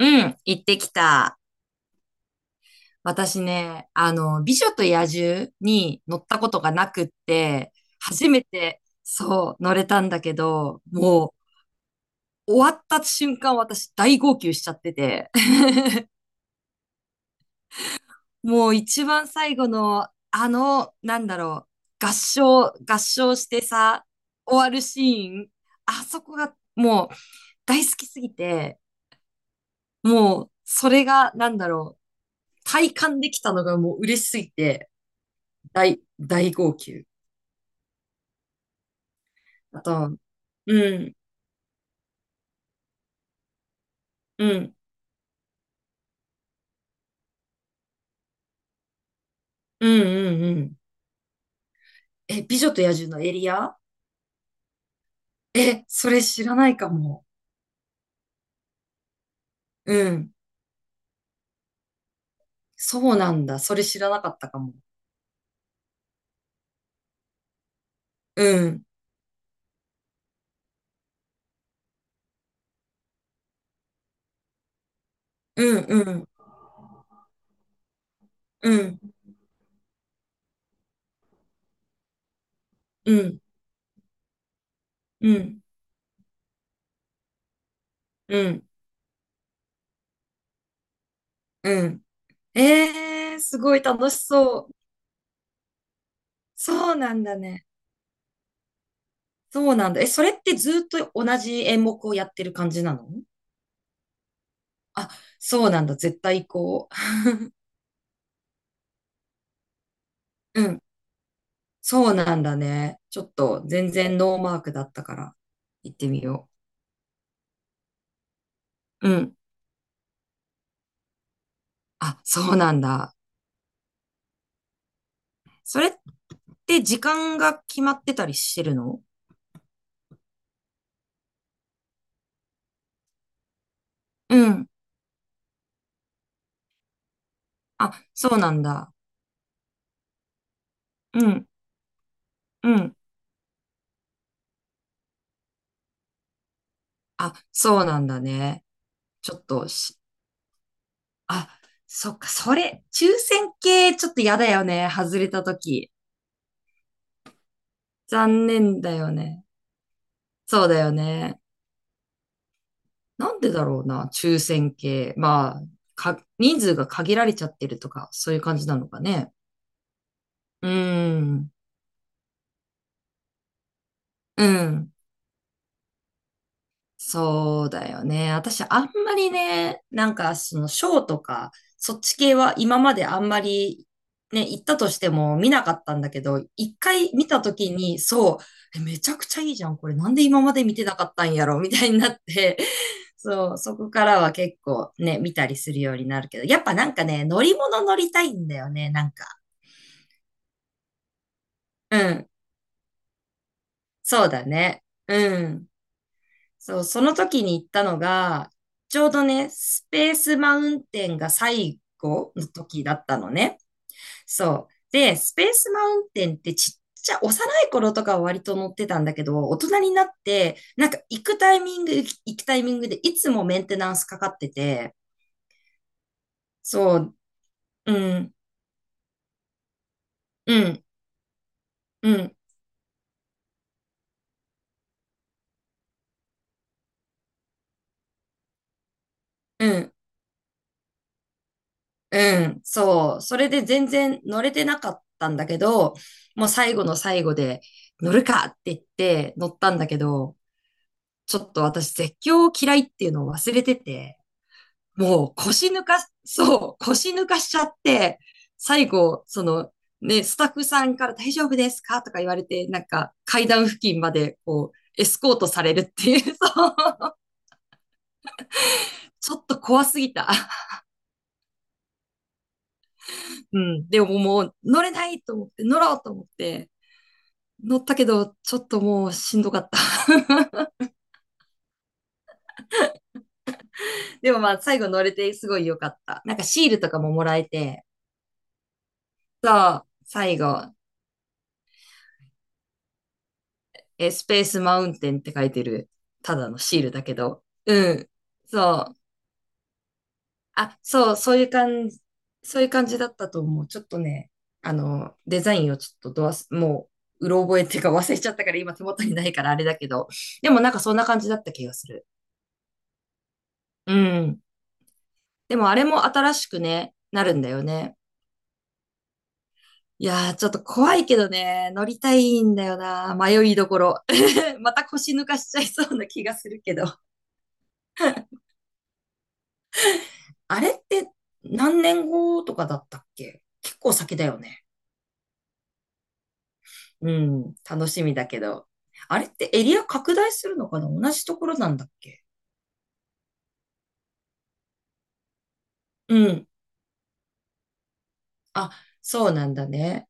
うん、行ってきた。私ね、美女と野獣に乗ったことがなくって、初めて、そう、乗れたんだけど、もう、終わった瞬間私大号泣しちゃってて、もう一番最後の、なんだろう、合唱してさ、終わるシーン、あそこがもう大好きすぎて、もう、それが、なんだろう、体感できたのがもう嬉しすぎて、大号泣。あと、うん、うん、うん、うん、うん。え、美女と野獣のエリア？え、それ知らないかも。うん。そうなんだ。それ知らなかったかも。うん、うん、うん、うん、うん、うん、うん、うん。えー、すごい楽しそう。そうなんだね。そうなんだ。え、それってずっと同じ演目をやってる感じなの？あ、そうなんだ。絶対こう。うん。そうなんだね。ちょっと全然ノーマークだったから行ってみよう。うん。あ、そうなんだ。それって時間が決まってたりしてるの？うん。あ、そうなんだ。うん。うん。あ、そうなんだね。ちょっとし、あ、そっか、それ、抽選系ちょっと嫌だよね。外れた時残念だよね。そうだよね。なんでだろうな、抽選系。まあ、人数が限られちゃってるとか、そういう感じなのかね。うん。うん。そうだよね。私、あんまりね、なんか、その、ショーとか、そっち系は今まであんまり、ね、行ったとしても見なかったんだけど、1回見たときに、そう、えめちゃくちゃいいじゃん。これなんで今まで見てなかったんやろみたいになって、そう、そこからは結構ね、見たりするようになるけど、やっぱなんかね、乗り物乗りたいんだよね、なんか。うん。そうだね。うん。そう、その時に行ったのが、ちょうどね、スペースマウンテンが最後の時だったのね。そう。で、スペースマウンテンってちっちゃ、幼い頃とかは割と乗ってたんだけど、大人になって、なんか行くタイミング、行くタイミングでいつもメンテナンスかかってて、そう、うん、うん、うん、うん、うん、そう。それで全然乗れてなかったんだけど、もう最後の最後で乗るかって言って乗ったんだけど、ちょっと私絶叫嫌いっていうのを忘れてて、もう腰抜か、そう、腰抜かしちゃって、最後、その、ね、スタッフさんから大丈夫ですかとか言われて、なんか階段付近までこう、エスコートされるっていう、そう、ちょっと怖すぎた。うん。でももう乗れないと思って、乗ろうと思って、乗ったけど、ちょっともうしんどかった。でもまあ最後乗れてすごい良かった。なんかシールとかももらえて、そう、最後、えースペースマウンテンって書いてる、ただのシールだけど。うん。そう。あ、そう、そういう感じ、そういう感じだったと思う。ちょっとね、デザインをちょっとどわす、もう、うろ覚えっていうか忘れちゃったから今手元にないからあれだけど、でもなんかそんな感じだった気がする。うん。でもあれも新しくね、なるんだよね。いやー、ちょっと怖いけどね、乗りたいんだよな。迷いどころ。また腰抜かしちゃいそうな気がするけど。あれって何年後とかだったっけ？結構先だよね。うん、楽しみだけど。あれってエリア拡大するのかな？同じところなんだっけ？うん。あ、そうなんだね。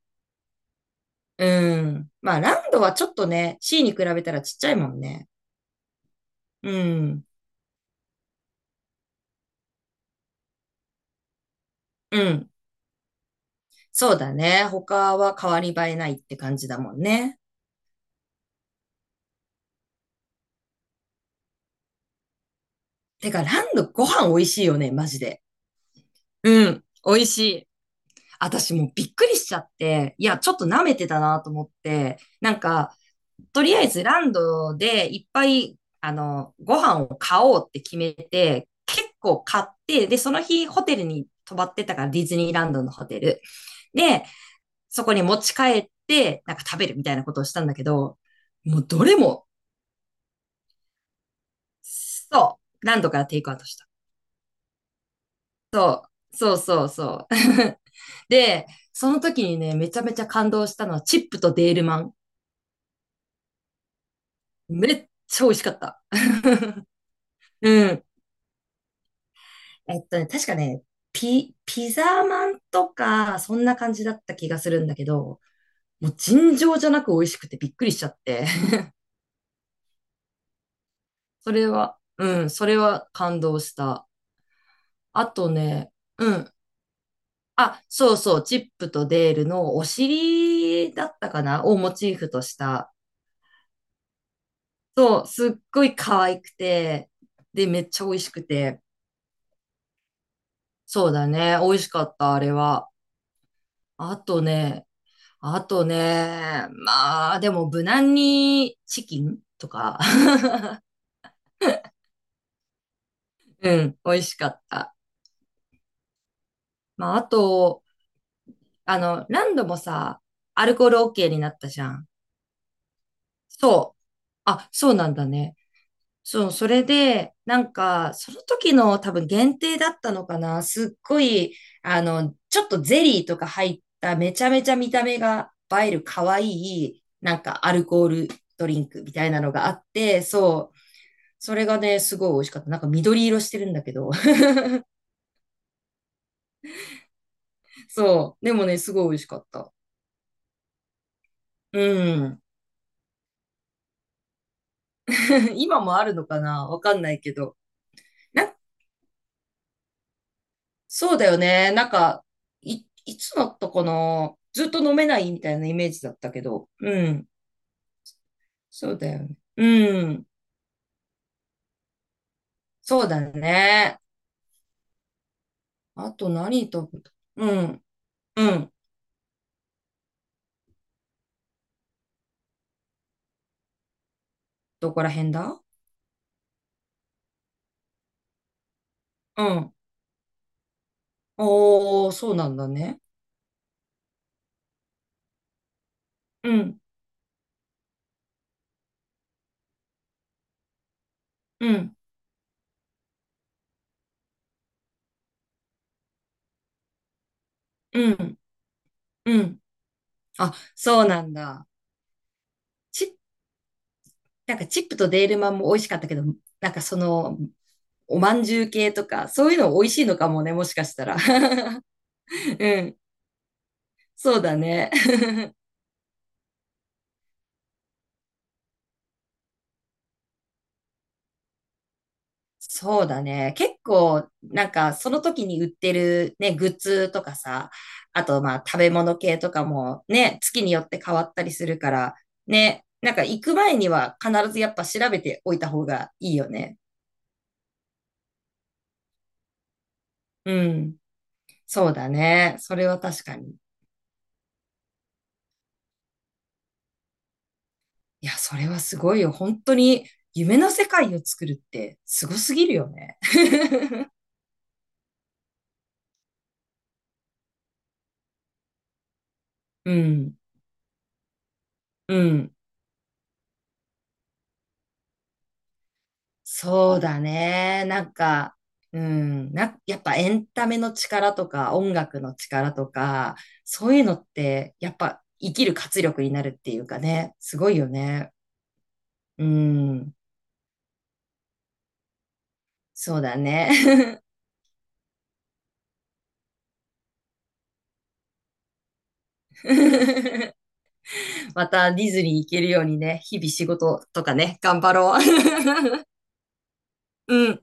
うん。まあ、ランドはちょっとね、C に比べたらちっちゃいもんね。うん。うん。そうだね。他は変わり映えないって感じだもんね。てか、ランドご飯美味しいよね、マジで。うん。美味しい。私もうびっくりしちゃって、いや、ちょっと舐めてたなと思って、なんか、とりあえずランドでいっぱい、ご飯を買おうって決めて、結構買って、で、その日ホテルに泊まってたから、ディズニーランドのホテル。で、そこに持ち帰って、なんか食べるみたいなことをしたんだけど、もうどれも、そう、ランドからテイクアウトした。そうそうそう。で、その時にね、めちゃめちゃ感動したのは、チップとデールマン。めっちゃ美味しかった。うん。確かね、ピザマンとか、そんな感じだった気がするんだけど、もう尋常じゃなく美味しくてびっくりしちゃって。それは、うん、それは感動した。あとね、うん。あ、そうそう、チップとデールのお尻だったかなをモチーフとした。そう、すっごい可愛くて、で、めっちゃ美味しくて。そうだね、美味しかった、あれは。あとね、あとね、まあ、でも無難にチキンとか。うん、美味しかった。まあ、あと、何度もさ、アルコール OK になったじゃん。そう。あ、そうなんだね。そう、それで、なんか、その時の多分限定だったのかな。すっごい、ちょっとゼリーとか入っためちゃめちゃ見た目が映える可愛い、なんかアルコールドリンクみたいなのがあって、そう。それがね、すごい美味しかった。なんか緑色してるんだけど。そう。でもね、すごい美味しかった。うん。今もあるのかなわかんないけど。な、そうだよね。なんか、いつだったかなずっと飲めないみたいなイメージだったけど。うん。そうだよね。うん。そうだね。あと何食べた？うん。うん。どこら辺だ？うん。おー、そうなんだね。うん。うん。うん。うん。あ、そうなんだ。なんかチップとデールマンも美味しかったけど、なんかその、おまんじゅう系とか、そういうの美味しいのかもね、もしかしたら。うん。そうだね。そうだね。結構、なんか、その時に売ってるね、グッズとかさ、あと、まあ、食べ物系とかもね、月によって変わったりするから、ね、なんか行く前には必ずやっぱ調べておいた方がいいよね。うん。そうだね。それは確かに。いや、それはすごいよ。本当に夢の世界を作るってすごすぎるよね。うん、うん。そうだね。なんか、うん、な、やっぱエンタメの力とか音楽の力とか、そういうのってやっぱ生きる活力になるっていうかね、すごいよね。うん、そうだね。またディズニー行けるようにね、日々仕事とかね、頑張ろう。うん。